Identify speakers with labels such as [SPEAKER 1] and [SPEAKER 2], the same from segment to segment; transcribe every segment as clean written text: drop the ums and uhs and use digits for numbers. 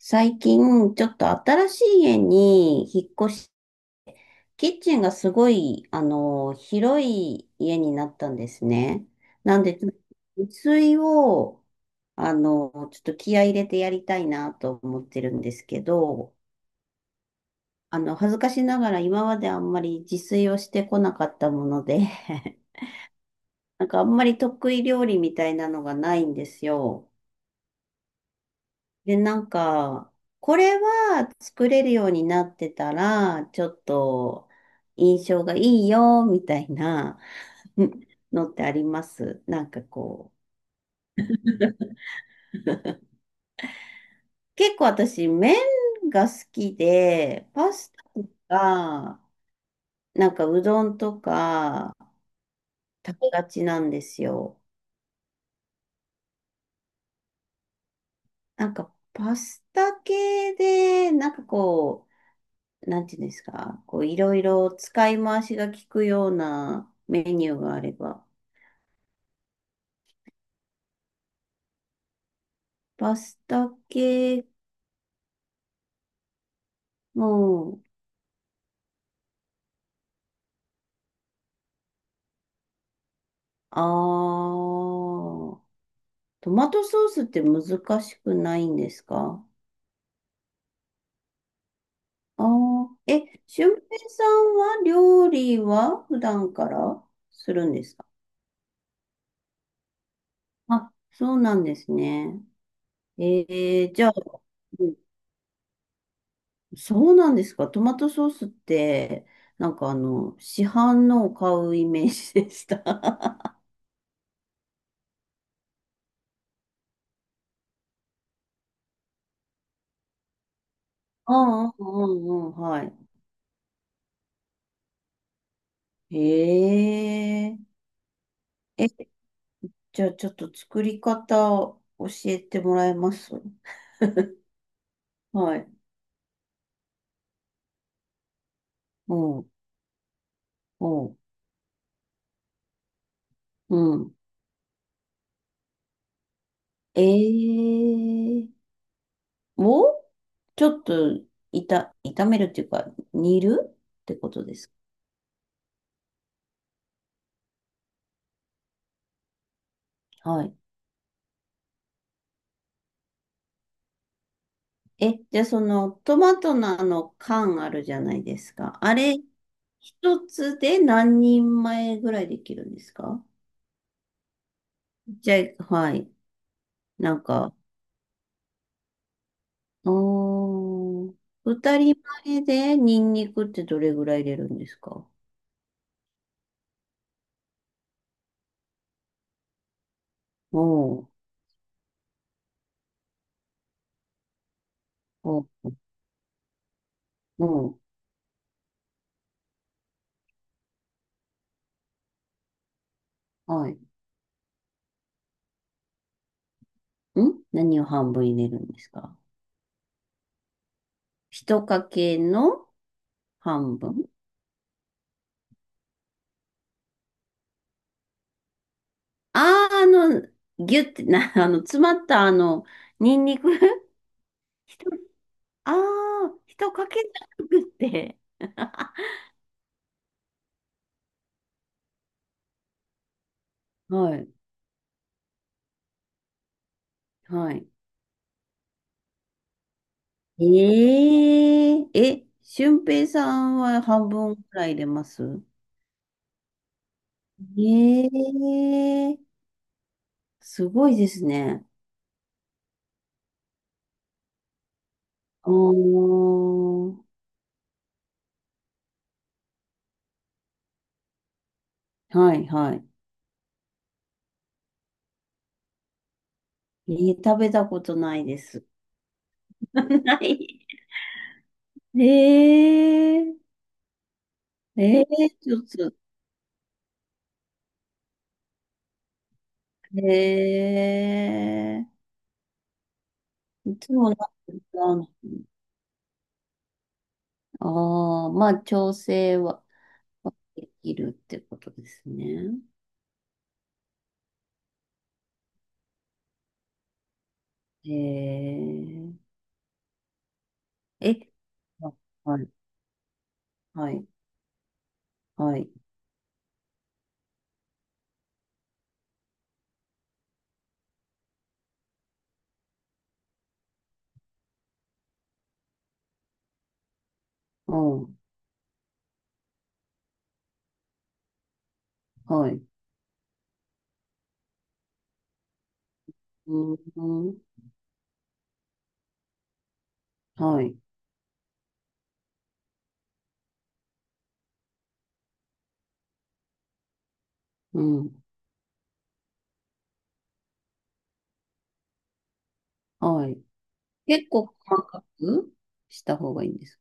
[SPEAKER 1] 最近、ちょっと新しい家に引っ越し、キッチンがすごい、広い家になったんですね。なんで、ちょっと自炊を、ちょっと気合い入れてやりたいなと思ってるんですけど、恥ずかしながら今まであんまり自炊をしてこなかったもので なんかあんまり得意料理みたいなのがないんですよ。で、なんか、これは作れるようになってたら、ちょっと印象がいいよ、みたいなうんのってありますなんかこう、結構私、麺が好きで、パスタとか、なんかうどんとか食べがちなんですよ。なんかパスタ系で、なんかこう、なんていうんですか、こう、いろいろ使い回しが効くようなメニューがあれば。パスタ系も、あー、トマトソースって難しくないんですか？あ俊平さんは料理は普段からするんですか？あ、そうなんですね。じゃあ、うんそうなんですか？トマトソースって、なんか市販のを買うイメージでした。うんうんうんうん、はい。へえ。じゃあちょっと作り方を教えてもらえますはい。うん、うん、うん。えー、をちょっと炒めるっていうか、煮るってことですか？はい。え、じゃあそのトマトのあの缶あるじゃないですか。あれ、一つで何人前ぐらいできるんですか？じゃあ、はい。なんか、あー二人前でニンニクってどれぐらい入れるんですか？おーおー、おー、はい。何を半分入れるんですか？一かけの半分？あー、あの、ギュってな、詰まったニンニク。 一あー、一かけじゃなくて。はい、はい。ええー、え、俊平さんは半分ぐらい入れますええ、すごいですね。おー、はいはい。食べたことないです。ない。えー、ちょっと、えいつもなんかラーメン、ああ、まあ、調整は、できるってことですね。えー、え、あ、はい、はい、はい、うん、はい、うん、うん、はい、うん、はい。結構細かくした方がいいんです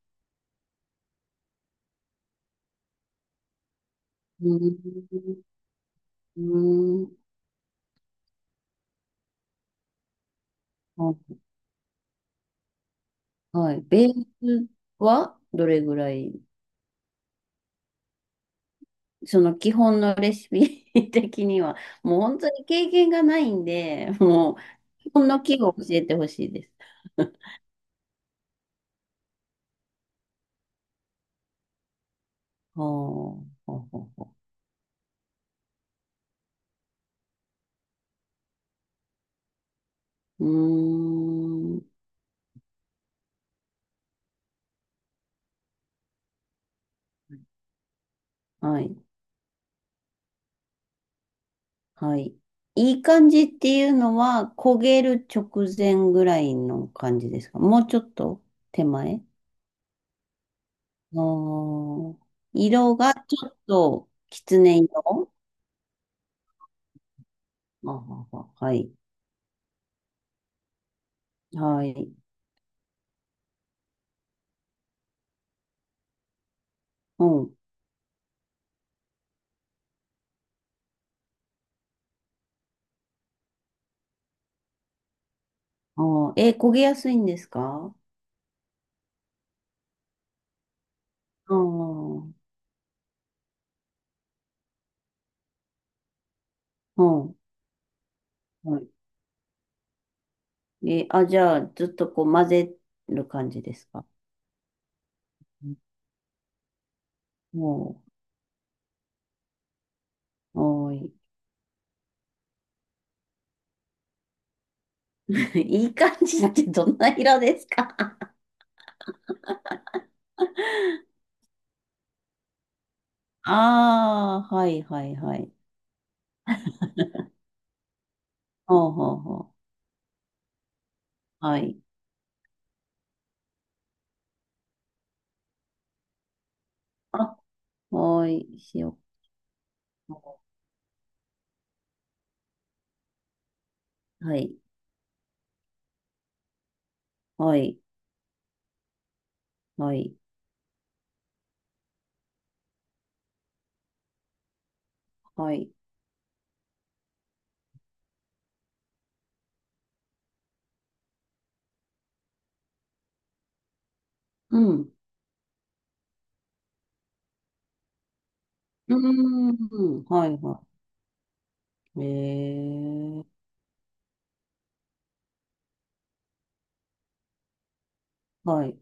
[SPEAKER 1] うーん。うーん、あ、はい。ベースはどれぐらい、その基本のレシピ 的には、もう本当に経験がないんで、もう基本の器具を教えてほしいです。はあ、はあ、はあ、うーん。はい。はい。いい感じっていうのは、焦げる直前ぐらいの感じですか？もうちょっと手前？あー色がちょっときつね色？あはは、はい。はい。うん。ああ、え、焦げやすいんですか？ああ、うん。はい。え、あ、じゃあ、ずっとこう混ぜる感じですか？もう、はい。いい感じってどんな色ですか？ああ、はいはいはい。ほうほうほう。はい。あ、はい。しよう。はい。はい。はい。はい。うん。うーん。はいはい。ええ、はい。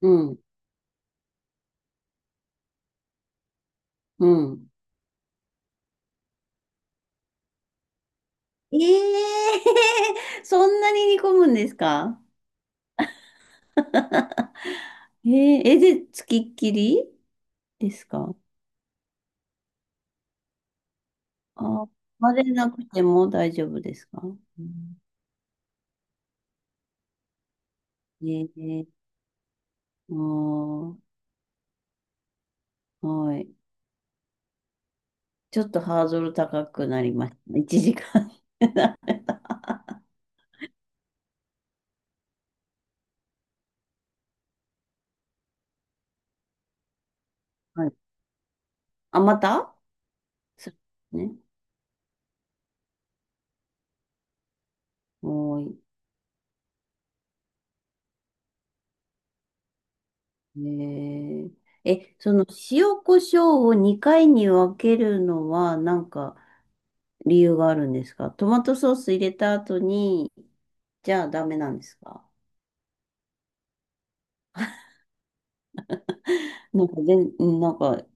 [SPEAKER 1] うん。うん。ええ、 そんなに煮込むんですか？ えええ、で、つきっきりですか？あ、混ぜなくても大丈夫ですか？うん、ええ、あーはい。ちょっとハードル高くなりましたね。1時間。はい。あ、また、そうですね。はい、ね、ええ、その塩コショウを2回に分けるのはなんか理由があるんですか？トマトソース入れた後に、じゃあダメなんですか？なんか全、なんか、わ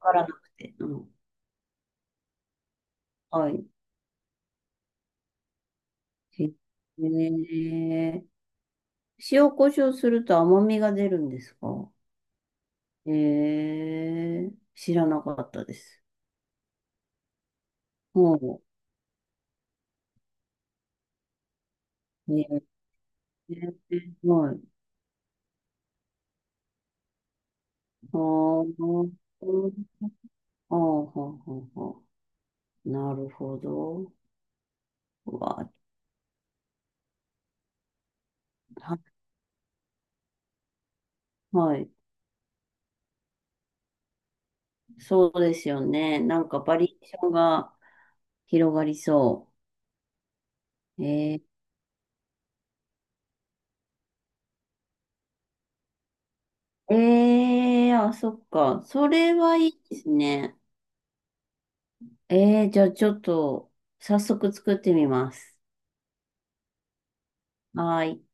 [SPEAKER 1] からなくて。うん、はい。へえ、塩コショウすると甘みが出るんですか？へえ、知らなかったです。もう、ねえ、はい。あー、あー、はあ、はあ、はあ。なるほど。うわ、は、はい。そうですよね。なんかバリエーションが広がりそう。あ、そっか。それはいいですね。じゃあちょっと、早速作ってみます。はーい。